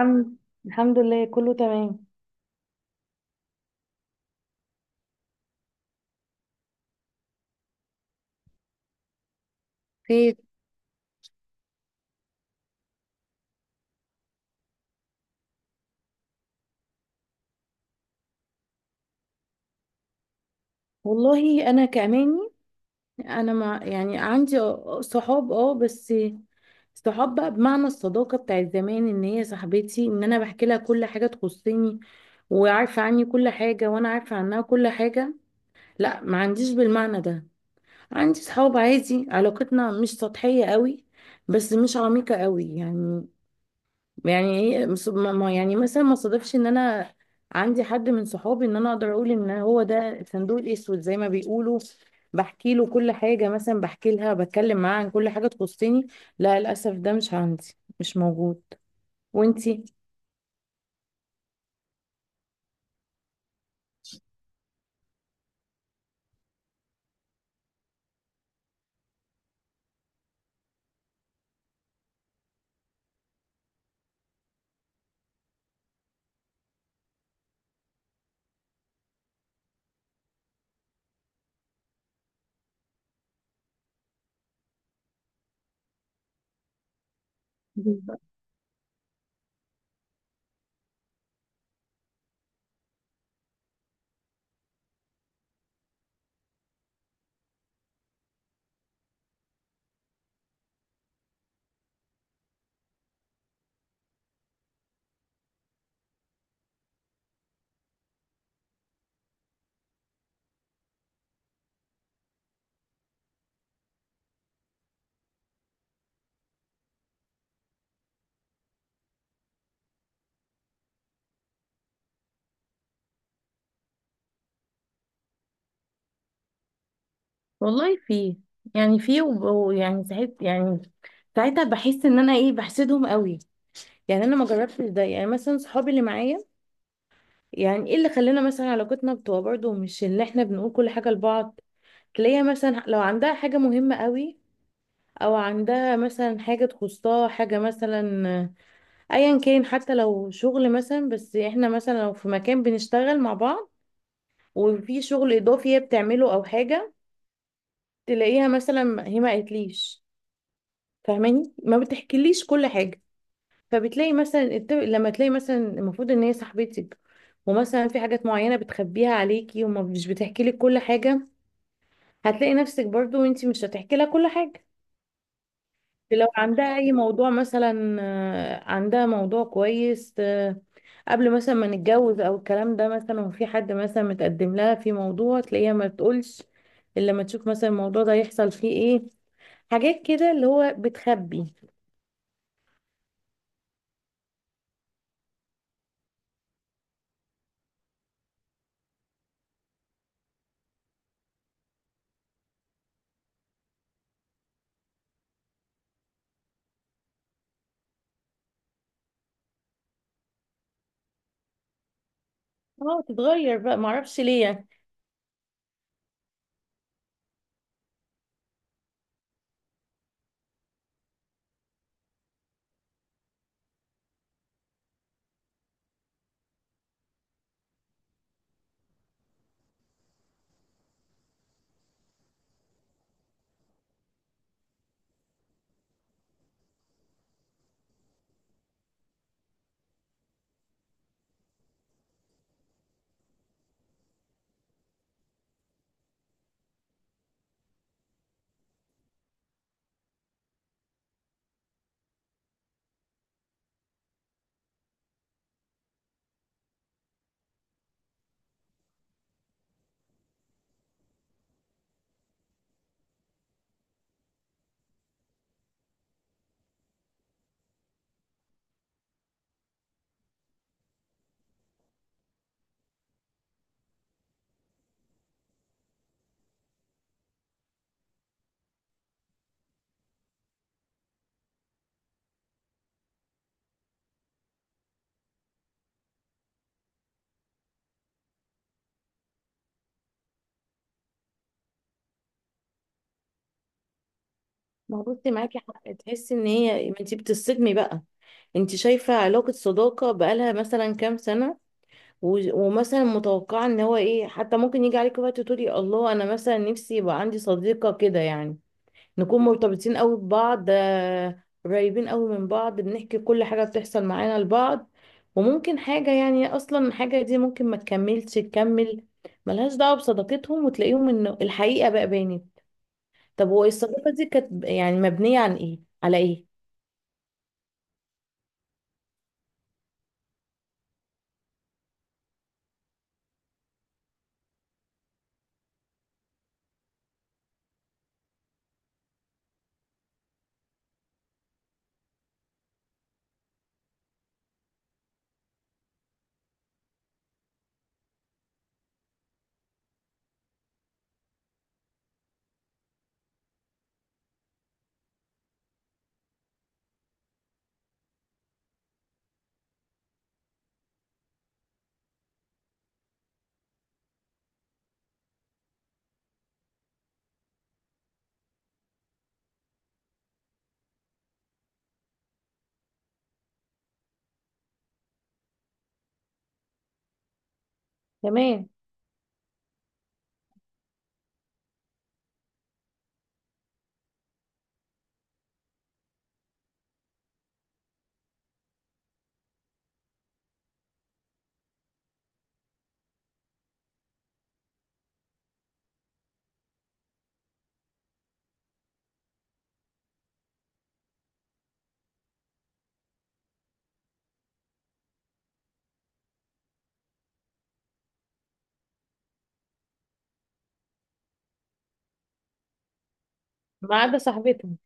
الحمد الحمد لله كله تمام. خير. والله انا كأماني، انا ما عندي صحاب، اه. بس صحاب بقى بمعنى الصداقة بتاعت زمان، ان هي صاحبتي، ان انا بحكي لها كل حاجة تخصني وعارفة عني كل حاجة وانا عارفة عنها كل حاجة، لا ما عنديش بالمعنى ده. عندي صحاب عادي، علاقتنا مش سطحية قوي بس مش عميقة قوي يعني. يعني ايه، يعني مثلا ما صادفش ان انا عندي حد من صحابي ان انا اقدر اقول ان هو ده الصندوق الاسود زي ما بيقولوا، بحكي له كل حاجه، مثلا بحكي لها، بتكلم معاها عن كل حاجه تخصني. لا للاسف ده مش عندي، مش موجود. وانتي؟ والله في، يعني في ويعني ساعات، يعني ساعتها بحس ان انا ايه، بحسدهم قوي. يعني انا ما جربتش ده. يعني مثلا صحابي اللي معايا، يعني ايه اللي خلانا مثلا علاقتنا بتبقى برضه مش اللي احنا بنقول كل حاجه لبعض؟ تلاقيها مثلا لو عندها حاجة مهمة قوي، او عندها مثلا حاجة تخصها، حاجة مثلا ايا كان، حتى لو شغل مثلا، بس احنا مثلا لو في مكان بنشتغل مع بعض وفي شغل اضافي هي بتعمله او حاجة، تلاقيها مثلا هي ما قالتليش، فاهماني؟ ما بتحكيليش كل حاجة. فبتلاقي مثلا لما تلاقي مثلا المفروض ان هي صاحبتك ومثلا في حاجات معينة بتخبيها عليكي ومش بتحكي لك كل حاجة، هتلاقي نفسك برضو انتي مش هتحكي لها كل حاجة. لو عندها اي موضوع مثلا، آه، عندها موضوع كويس، آه، قبل مثلا ما نتجوز او الكلام ده مثلا، وفي حد مثلا متقدم لها في موضوع، تلاقيها ما بتقولش الا لما تشوف مثلا الموضوع ده يحصل فيه ايه. حاجات كده اللي هو بتخبي. اه تتغير بقى، معرفش ليه يعني. ما هو بصي معاكي حق تحسي ان هي، ما انتي بتصدمي بقى. انتي شايفة علاقة صداقة بقالها مثلا كام سنة، ومثلا متوقعة ان هو ايه، حتى ممكن يجي عليك وقت تقولي الله انا مثلا نفسي يبقى عندي صديقة كده يعني، نكون مرتبطين قوي ببعض، آه، قريبين قوي من بعض، بنحكي كل حاجة بتحصل معانا لبعض. وممكن حاجة، يعني اصلا حاجة دي ممكن ما تكملش، تكمل، ملهاش دعوة بصداقتهم، وتلاقيهم ان الحقيقة بقى بانت. طب هو الصداقة دي كانت يعني مبنية عن ايه، على ايه؟ تمام. ما عدا صادمة بجد.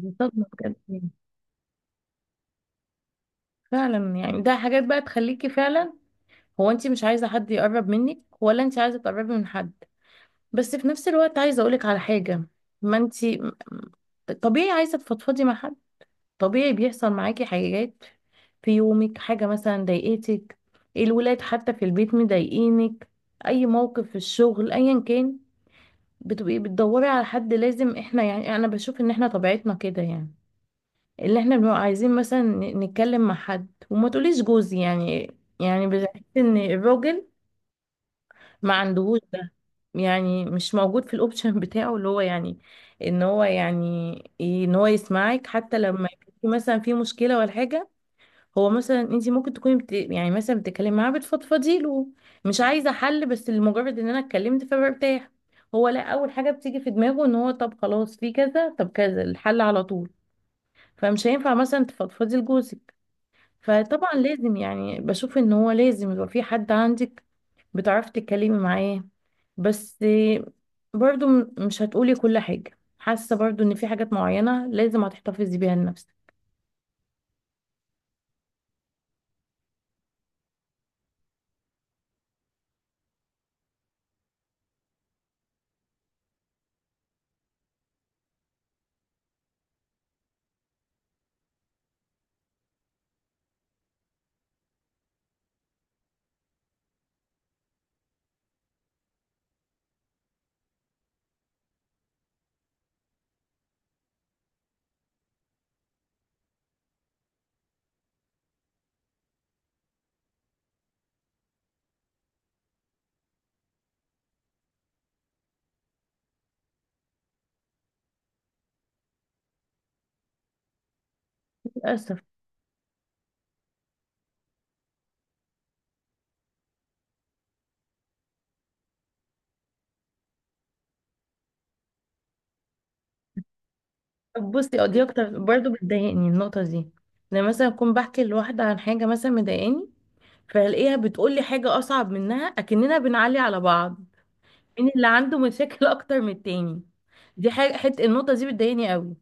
دي صدمة بجد. فعلا، يعني ده حاجات بقى تخليكي فعلا. هو انت مش عايزة حد يقرب منك ولا انت عايزة تقربي من حد؟ بس في نفس الوقت عايزة اقولك على حاجة، ما انت طبيعي عايزة تفضفضي مع حد، طبيعي بيحصل معاكي حاجات في يومك، حاجة مثلا ضايقتك، الولاد حتى في البيت مضايقينك، اي موقف في الشغل ايا كان، بتبقي بتدوري على حد. لازم، احنا يعني انا بشوف ان احنا طبيعتنا كده يعني، اللي احنا بنبقى عايزين مثلا نتكلم مع حد. وما تقوليش جوزي يعني، يعني بحس ان الراجل ما عندهوش ده، يعني مش موجود في الاوبشن بتاعه، اللي هو يعني ان هو يعني، إيه، ان هو يسمعك حتى لما يكون في مثلا في مشكله ولا حاجه. هو مثلا انت ممكن تكوني يعني مثلا بتتكلمي معاه، بتفضفضي له، مش عايزه حل، بس لمجرد ان انا اتكلمت فبرتاح. هو لا، اول حاجه بتيجي في دماغه ان هو طب خلاص في كذا، طب كذا، الحل على طول. فمش هينفع مثلا تفضفضي لجوزك. فطبعا لازم، يعني بشوف ان هو لازم يبقى في حد عندك بتعرفي تتكلمي معاه. بس برضو مش هتقولي كل حاجة، حاسة برضو ان في حاجات معينة لازم هتحتفظي بيها لنفسك. للأسف. طب بصي، اه دي اكتر برضو بتضايقني النقطة دي، لما مثلا اكون بحكي لواحدة عن حاجة مثلا مضايقاني فالاقيها بتقولي حاجة اصعب منها، اكننا بنعلي على بعض. مين اللي عنده مشاكل اكتر من التاني؟ دي حاجة، حت النقطة دي بتضايقني قوي.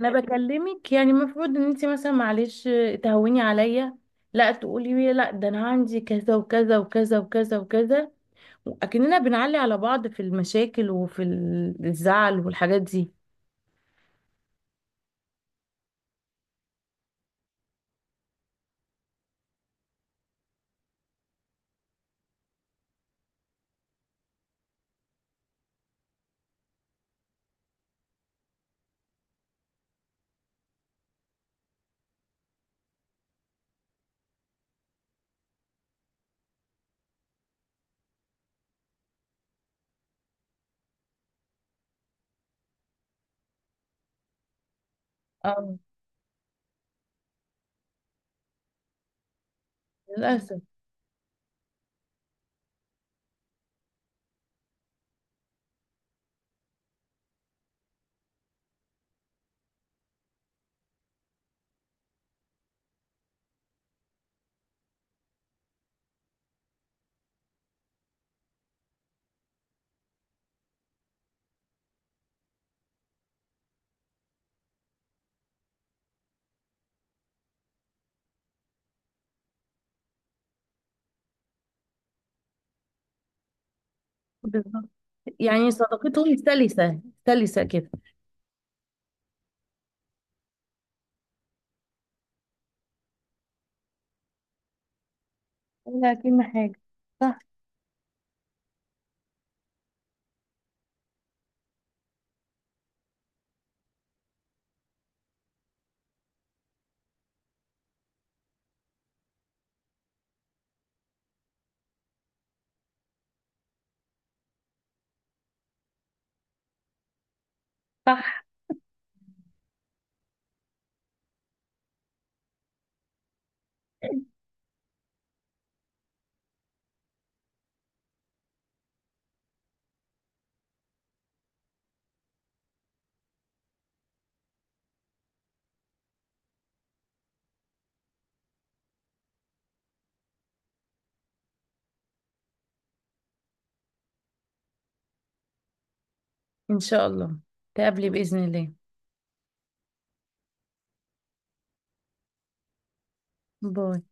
انا بكلمك، يعني المفروض ان انت مثلا معلش تهوني عليا، لا تقولي لي لا ده انا عندي كذا وكذا وكذا وكذا وكذا، اكننا بنعلي على بعض في المشاكل وفي الزعل والحاجات دي. اه، للاسف. بالظبط. يعني صداقتهم سلسة سلسة كده. ولا كأن حاجة. صح. صح. ان شاء الله تقابلي باذن الله. باي.